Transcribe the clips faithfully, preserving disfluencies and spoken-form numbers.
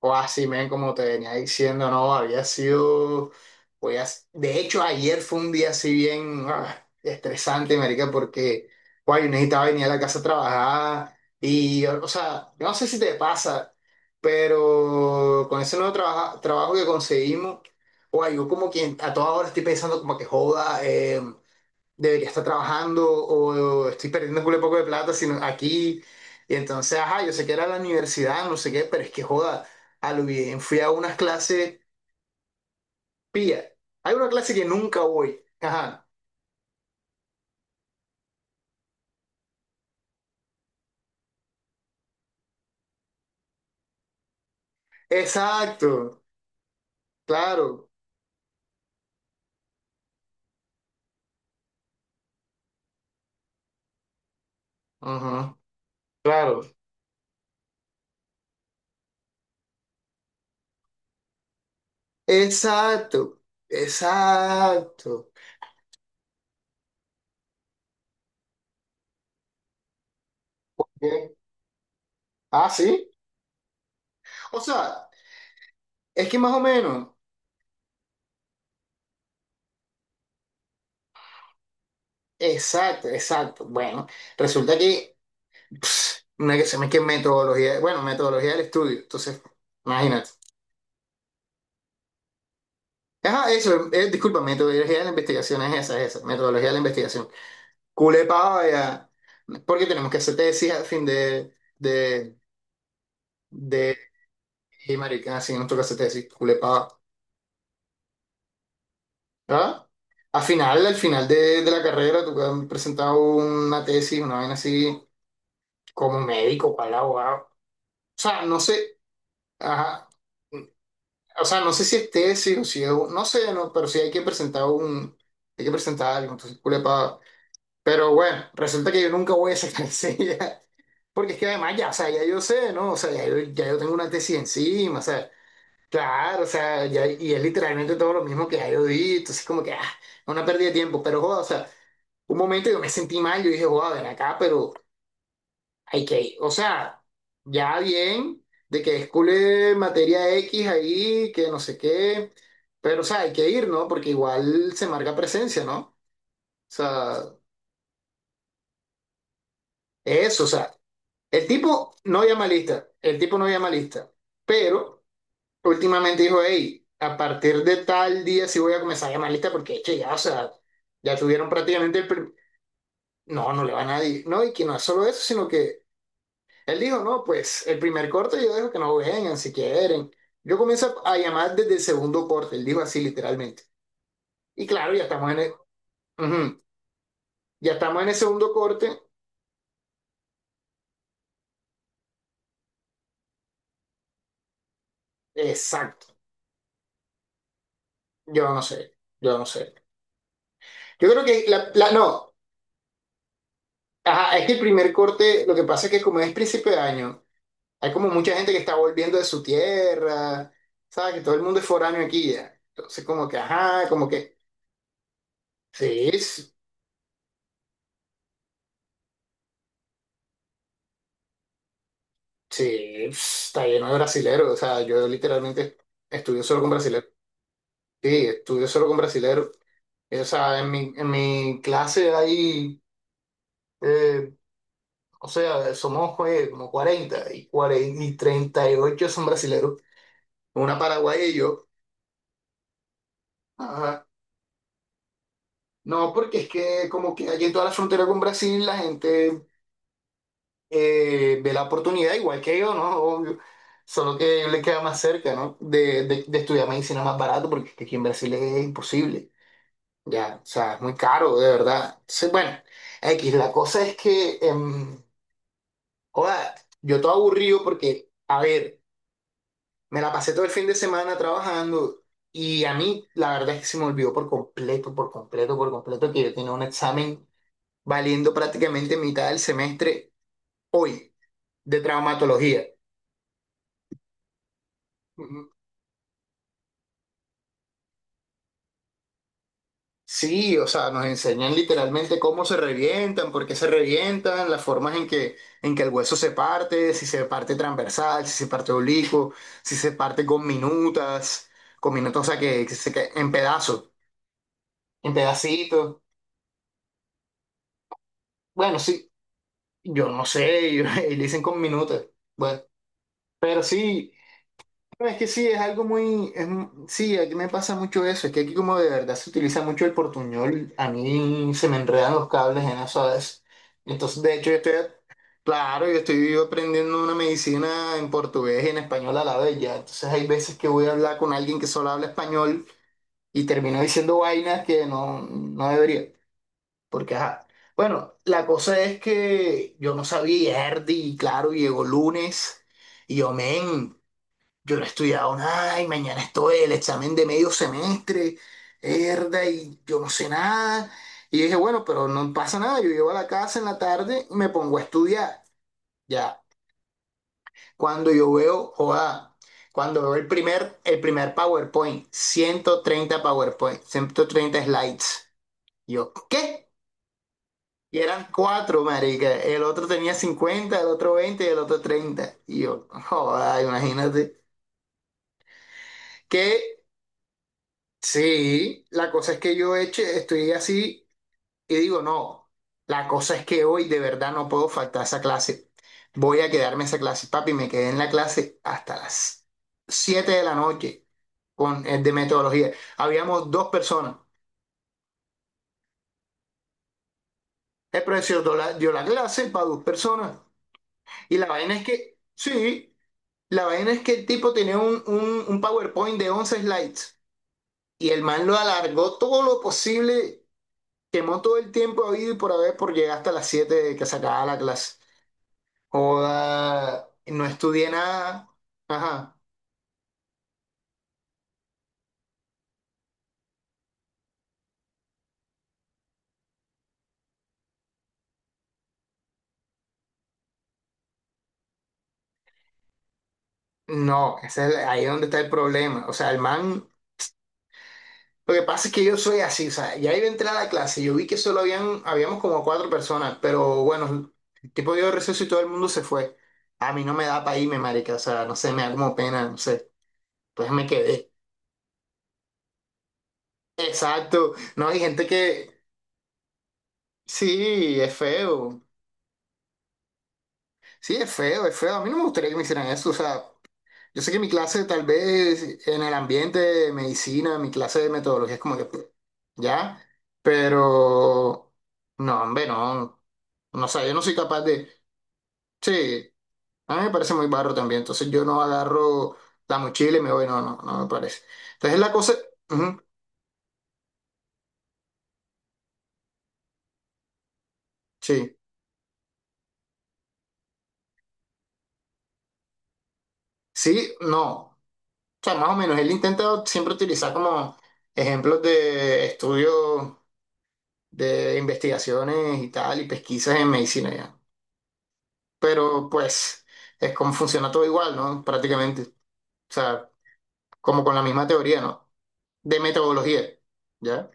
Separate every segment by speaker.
Speaker 1: O así, men, como te venía diciendo, no, había sido, pues, de hecho, ayer fue un día así bien ah, estresante, marica, porque, guay, yo necesitaba venir a la casa a trabajar y, o sea, yo no sé si te pasa, pero con ese nuevo trabaja- trabajo que conseguimos, guay, yo como quien a toda hora estoy pensando como que joda, em, debería estar trabajando o estoy perdiendo un culo de poco de plata sino aquí. Y entonces, ajá, yo sé que era la universidad, no sé qué, pero es que joda, a lo bien fui a unas clases pía. Hay una clase que nunca voy. Ajá. Exacto, claro. Ajá, claro. Exacto, exacto. Bien. Ah, sí. O sea, es que más o menos. Exacto, exacto. Bueno, resulta que una que se me que metodología, bueno, metodología del estudio, entonces, imagínate. Ajá, eso, eh, disculpa, metodología de la investigación es esa, es esa, metodología de la investigación. Culepa, ya, porque tenemos que hacer tesis al fin de, de, de, y marica, así nos toca hacer tesis, culepa, ¿verdad? Al final, al final de, de la carrera, tú has presentado una tesis, una vaina así, como médico, para el abogado. O sea, no sé, ajá. O sea, no sé si es tesis o si es, un- no sé, no, pero sí hay que presentar un, hay que presentar algo, entonces culepa. Pero bueno, resulta que yo nunca voy a sacar enseguida, porque es que además ya, o sea, ya yo sé, ¿no? O sea, ya yo, ya yo tengo una tesis encima, o sea, claro, o sea, ya, y es literalmente todo lo mismo que ya yo di, entonces como que, ah, una pérdida de tiempo, pero joda, o sea, un momento yo me sentí mal, yo dije, joda, ven acá, pero hay que, o sea, ya bien, de que escule materia X ahí, que no sé qué, pero, o sea, hay que ir, ¿no? Porque igual se marca presencia, ¿no? O sea, eso, o sea, el tipo no llama lista, el tipo no llama lista, pero últimamente dijo, hey, a partir de tal día sí voy a comenzar a llamar lista porque, che, ya, o sea, ya tuvieron prácticamente el... prim- no, no le va a nadie, ¿no? Y que no es solo eso, sino que... Él dijo, no, pues el primer corte yo dejo que nos vengan si quieren. Yo comienzo a llamar desde el segundo corte, él dijo así literalmente. Y claro, ya estamos en el, ujú, ya estamos en el segundo corte, exacto. Yo no sé, yo no sé. Yo creo que la, la- no, ajá, es que el primer corte, lo que pasa es que como es principio de año, hay como mucha gente que está volviendo de su tierra, ¿sabes? Que todo el mundo es foráneo aquí ya. Entonces como que, ajá, como que, sí, sí, sí, está lleno de brasileros. O sea, yo literalmente estudio solo con brasileros. Sí, estudio solo con brasileros. Eh, O sea, en mi, en mi clase hay, eh, o sea, somos pues, como cuarenta y, cuarenta y treinta y ocho son brasileros. Una paraguaya y yo. Ajá. No, porque es que como que allí en toda la frontera con Brasil la gente eh, ve la oportunidad igual que yo, ¿no? Obvio. Solo que le queda más cerca, ¿no? De, de, de estudiar medicina más barato, porque es que aquí en Brasil es imposible. Ya, o sea, es muy caro, de verdad. Sí, bueno, X, la cosa es que, em, joda, yo todo aburrido porque, a ver, me la pasé todo el fin de semana trabajando y a mí la verdad es que se me olvidó por completo, por completo, por completo que yo tenía un examen valiendo prácticamente mitad del semestre hoy de traumatología. Sí, o sea, nos enseñan literalmente cómo se revientan, por qué se revientan, las formas en que, en que el hueso se parte, si se parte transversal, si se parte oblicuo, si se parte con minutas, con minutas, o sea, que, que se cae en pedazos, en pedacitos. Bueno, sí, yo no sé, y dicen con minutas. Bueno, pero sí. No, es que sí, es algo muy, es mu- sí, aquí me pasa mucho eso, es que aquí como de verdad se utiliza mucho el portuñol, a mí se me enredan los cables en eso a veces. Entonces, de hecho, yo estoy, claro, yo estoy aprendiendo una medicina en portugués y en español a la vez ya. Entonces, hay veces que voy a hablar con alguien que solo habla español y termino diciendo vainas que no, no debería, porque ajá. Bueno, la cosa es que yo no sabía y Erdi, y claro, llegó lunes. Y yo, men, yo no he estudiado nada y mañana estoy el examen de medio semestre, herda, y yo no sé nada. Y dije, bueno, pero no pasa nada, yo llego a la casa en la tarde y me pongo a estudiar. Ya, cuando yo veo, joda, cuando veo el primer, el primer PowerPoint, ciento treinta PowerPoint, ciento treinta slides. Yo, ¿qué? Y eran cuatro, marica. El otro tenía cincuenta, el otro veinte y el otro treinta. Y yo, joda, imagínate. ¿Qué? Sí, la cosa es que yo eche, estoy así y digo, no, la cosa es que hoy de verdad no puedo faltar a esa clase. Voy a quedarme en esa clase, papi, me quedé en la clase hasta las siete de la noche con el de metodología. Habíamos dos personas. El profesor dio la, dio la clase para dos personas. Y la vaina es que, sí, la vaina es que el tipo tenía un, un, un PowerPoint de once slides y el man lo alargó todo lo posible. Quemó todo el tiempo habido y por haber por llegar hasta las siete de que se acababa la clase. Joda, no estudié nada. Ajá. No, ese es el- ahí es donde está el problema. O sea, el man, lo que pasa es que yo soy así, o sea, ya iba a entrar a la clase, yo vi que solo habían, habíamos como cuatro personas, pero bueno, el tipo dio receso y todo el mundo se fue. A mí no me da para irme, marica, o sea, no sé, me da como pena, no sé. Entonces me quedé. Exacto. No, hay gente que, sí, es feo. Sí, es feo, es feo. A mí no me gustaría que me hicieran eso. O sea, yo sé que mi clase tal vez en el ambiente de medicina, mi clase de metodología es como que, pues, ya, pero no, hombre, no. No sé, yo no soy capaz de... Sí, a mí me parece muy barro también. Entonces yo no agarro la mochila y me voy, no, no, no me parece. Entonces la cosa... ujú, sí, sí, no. O sea, más o menos, él intenta siempre utilizar como ejemplos de estudio de investigaciones y tal, y pesquisas en medicina ya. Pero pues es como funciona todo igual, ¿no? Prácticamente. O sea, como con la misma teoría, ¿no? De metodología, ¿ya?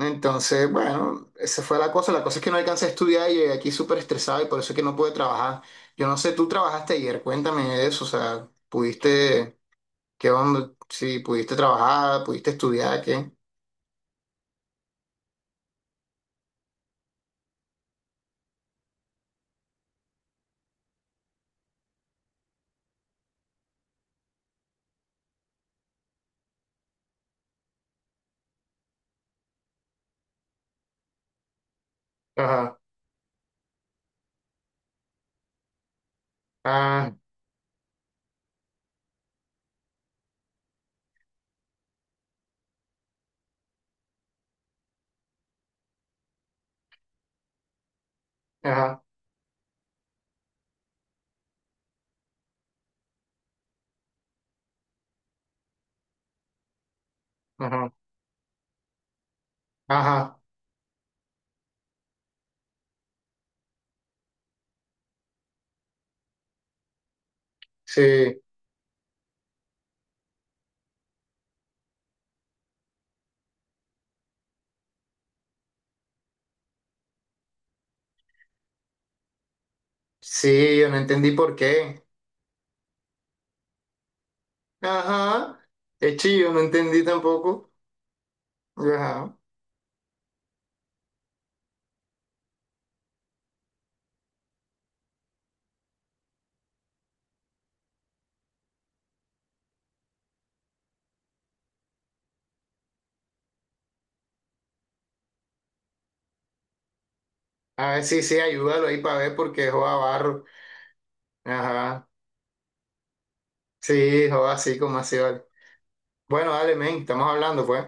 Speaker 1: Entonces, bueno, esa fue la cosa. La cosa es que no alcancé a estudiar y llegué aquí súper estresado y por eso es que no pude trabajar. Yo no sé, tú trabajaste ayer, cuéntame de eso, o sea, pudiste, ¿qué onda? Si pudiste trabajar, pudiste estudiar, ¿qué? Ajá, ah, ajá, ajá, ajá, sí. Sí, yo no entendí por qué. Ajá. Es chillo, no entendí tampoco. Ajá. A ver, sí, sí, ayúdalo ahí para ver porque joda barro. Ajá. Sí, joda así como así, vale. Bueno, dale, men, estamos hablando, pues.